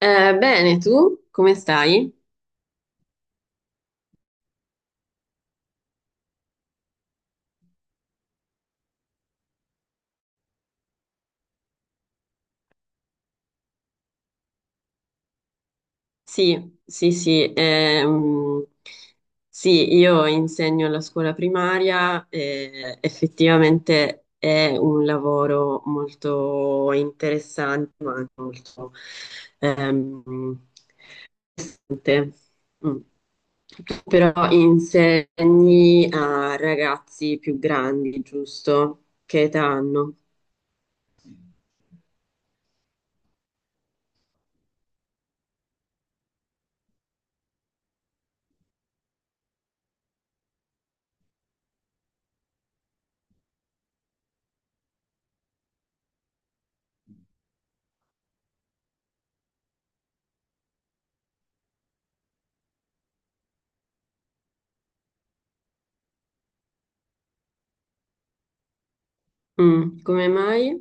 Bene, tu come stai? Sì, sì, sì, sì, io insegno alla scuola primaria e effettivamente è un lavoro molto interessante, ma anche molto ehm, pesante. Mm. Tu però insegni a ragazzi più grandi, giusto? Che età hanno? Mm, come mai?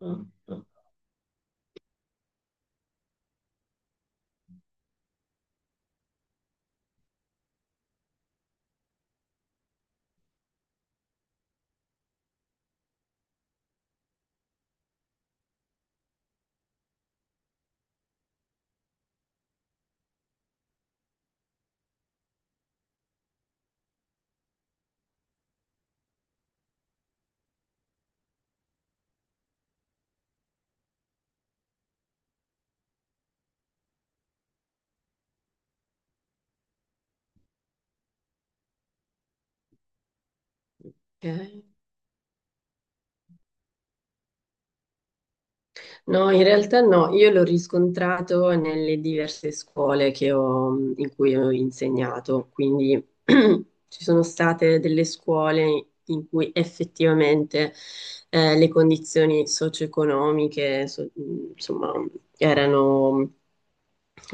Ok. No, in realtà no, io l'ho riscontrato nelle diverse scuole in cui ho insegnato, quindi ci sono state delle scuole in cui effettivamente le condizioni socio-economiche, insomma, erano,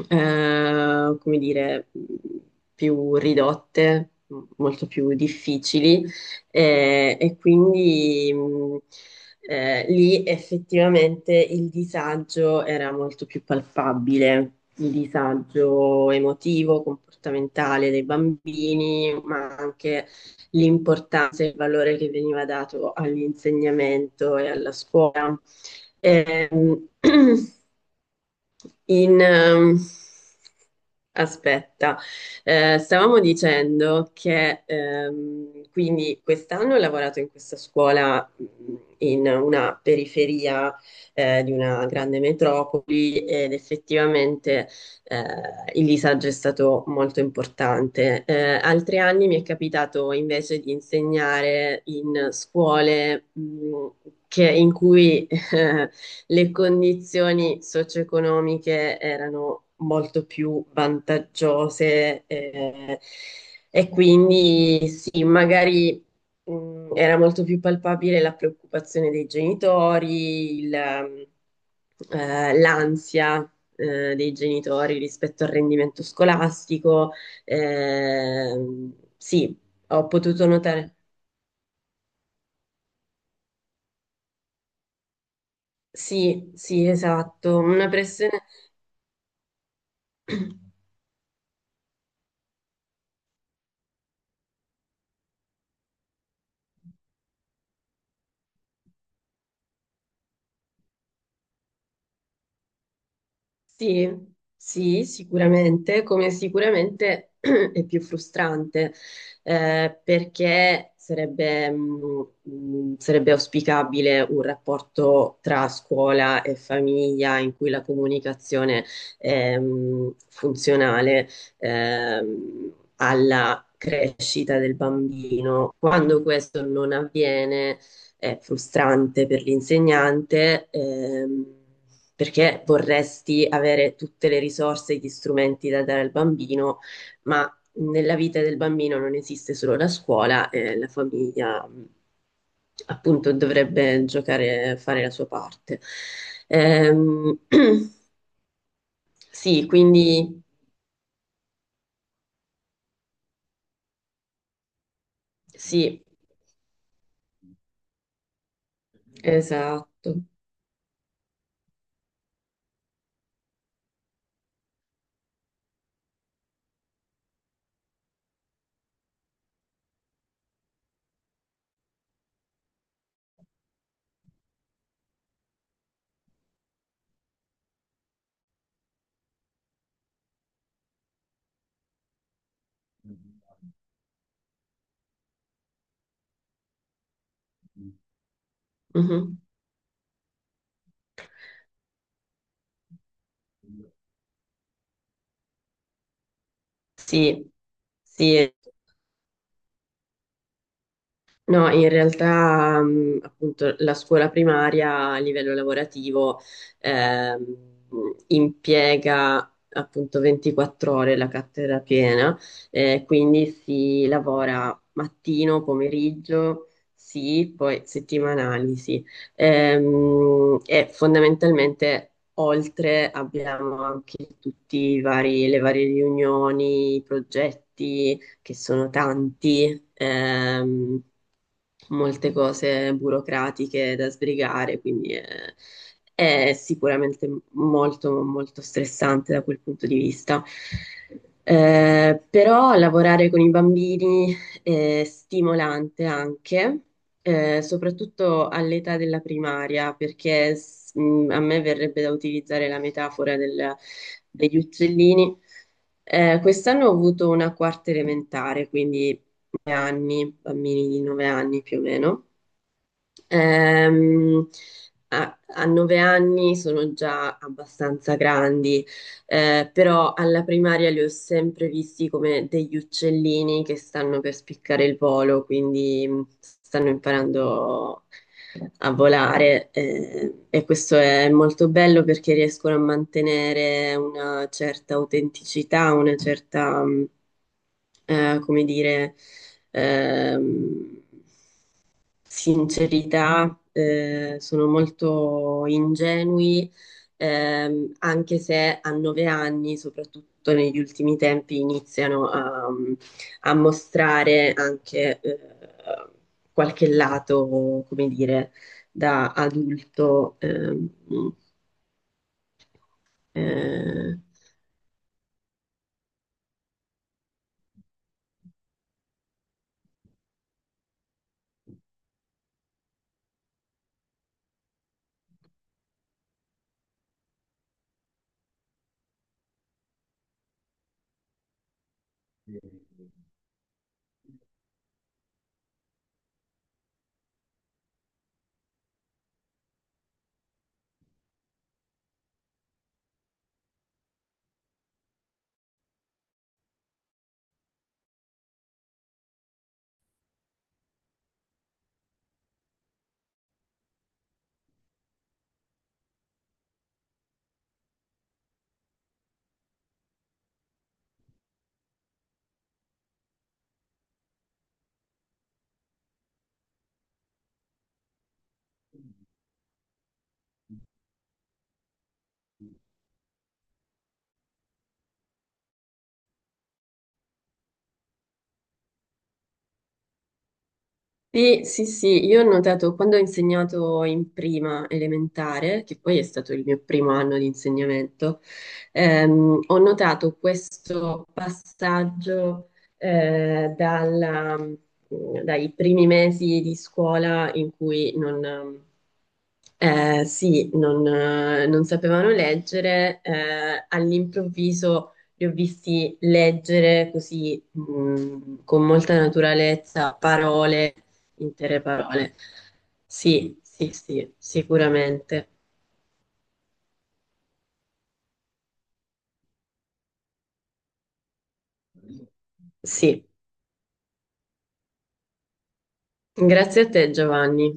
come dire, più ridotte, molto più difficili e quindi lì effettivamente il disagio era molto più palpabile, il disagio emotivo, comportamentale dei bambini, ma anche l'importanza e il valore che veniva dato all'insegnamento e alla scuola. Ehm, in, ehm, aspetta, stavamo dicendo che quindi quest'anno ho lavorato in questa scuola in una periferia di una grande metropoli ed effettivamente eh, il disagio è stato molto importante. Altri anni mi è capitato invece di insegnare in scuole in cui eh, le condizioni socio-economiche erano molto più vantaggiose e quindi sì, magari era molto più palpabile la preoccupazione dei genitori, l'ansia dei genitori rispetto al rendimento scolastico. Eh, sì, ho potuto notare. Sì, sì, esatto, una pressione. Sì, sì, sicuramente, come sicuramente è più frustrante, perché sarebbe, sarebbe auspicabile un rapporto tra scuola e famiglia in cui la comunicazione è, funzionale, alla crescita del bambino. Quando questo non avviene, è frustrante per l'insegnante, perché vorresti avere tutte le risorse e gli strumenti da dare al bambino, ma nella vita del bambino non esiste solo la scuola e la famiglia appunto dovrebbe giocare, fare la sua parte. Ehm, sì, quindi sì, esatto. Mhm. Sì, sì. No, in realtà, appunto, la scuola primaria a livello lavorativo ehm, impiega appunto 24 ore la cattedra piena, quindi si lavora mattino, pomeriggio, sì, poi settimanali, sì. E fondamentalmente oltre abbiamo anche tutti i vari, le varie riunioni, i progetti che sono tanti, molte cose burocratiche da sbrigare, quindi è sicuramente molto, molto stressante da quel punto di vista. Però lavorare con i bambini stimolante anche, soprattutto all'età della primaria, perché a me verrebbe da utilizzare la metafora degli uccellini. Quest'anno ho avuto una quarta elementare, quindi 9 anni, bambini di 9 anni più o meno. Ehm, a 9 anni sono già abbastanza grandi, però alla primaria li ho sempre visti come degli uccellini che stanno per spiccare il volo, quindi stanno imparando a volare, e questo è molto bello perché riescono a mantenere una certa autenticità, una certa, come dire, ehm, sincerità, sono molto ingenui, anche se a 9 anni, soprattutto negli ultimi tempi, iniziano a mostrare anche qualche lato, come dire, da adulto. Eh, Sì, sì, sì, io ho notato quando ho insegnato in prima elementare, che poi è stato il mio primo anno di insegnamento, ho notato questo passaggio eh, dalla- mm, dai primi mesi di scuola in cui non, sì, non, non sapevano leggere, all'improvviso li ho visti leggere così, con molta naturalezza, parole, intere parole. Sì, sì, sì, sicuramente. Sì. Grazie a te, Giovanni.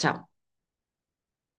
Ciao.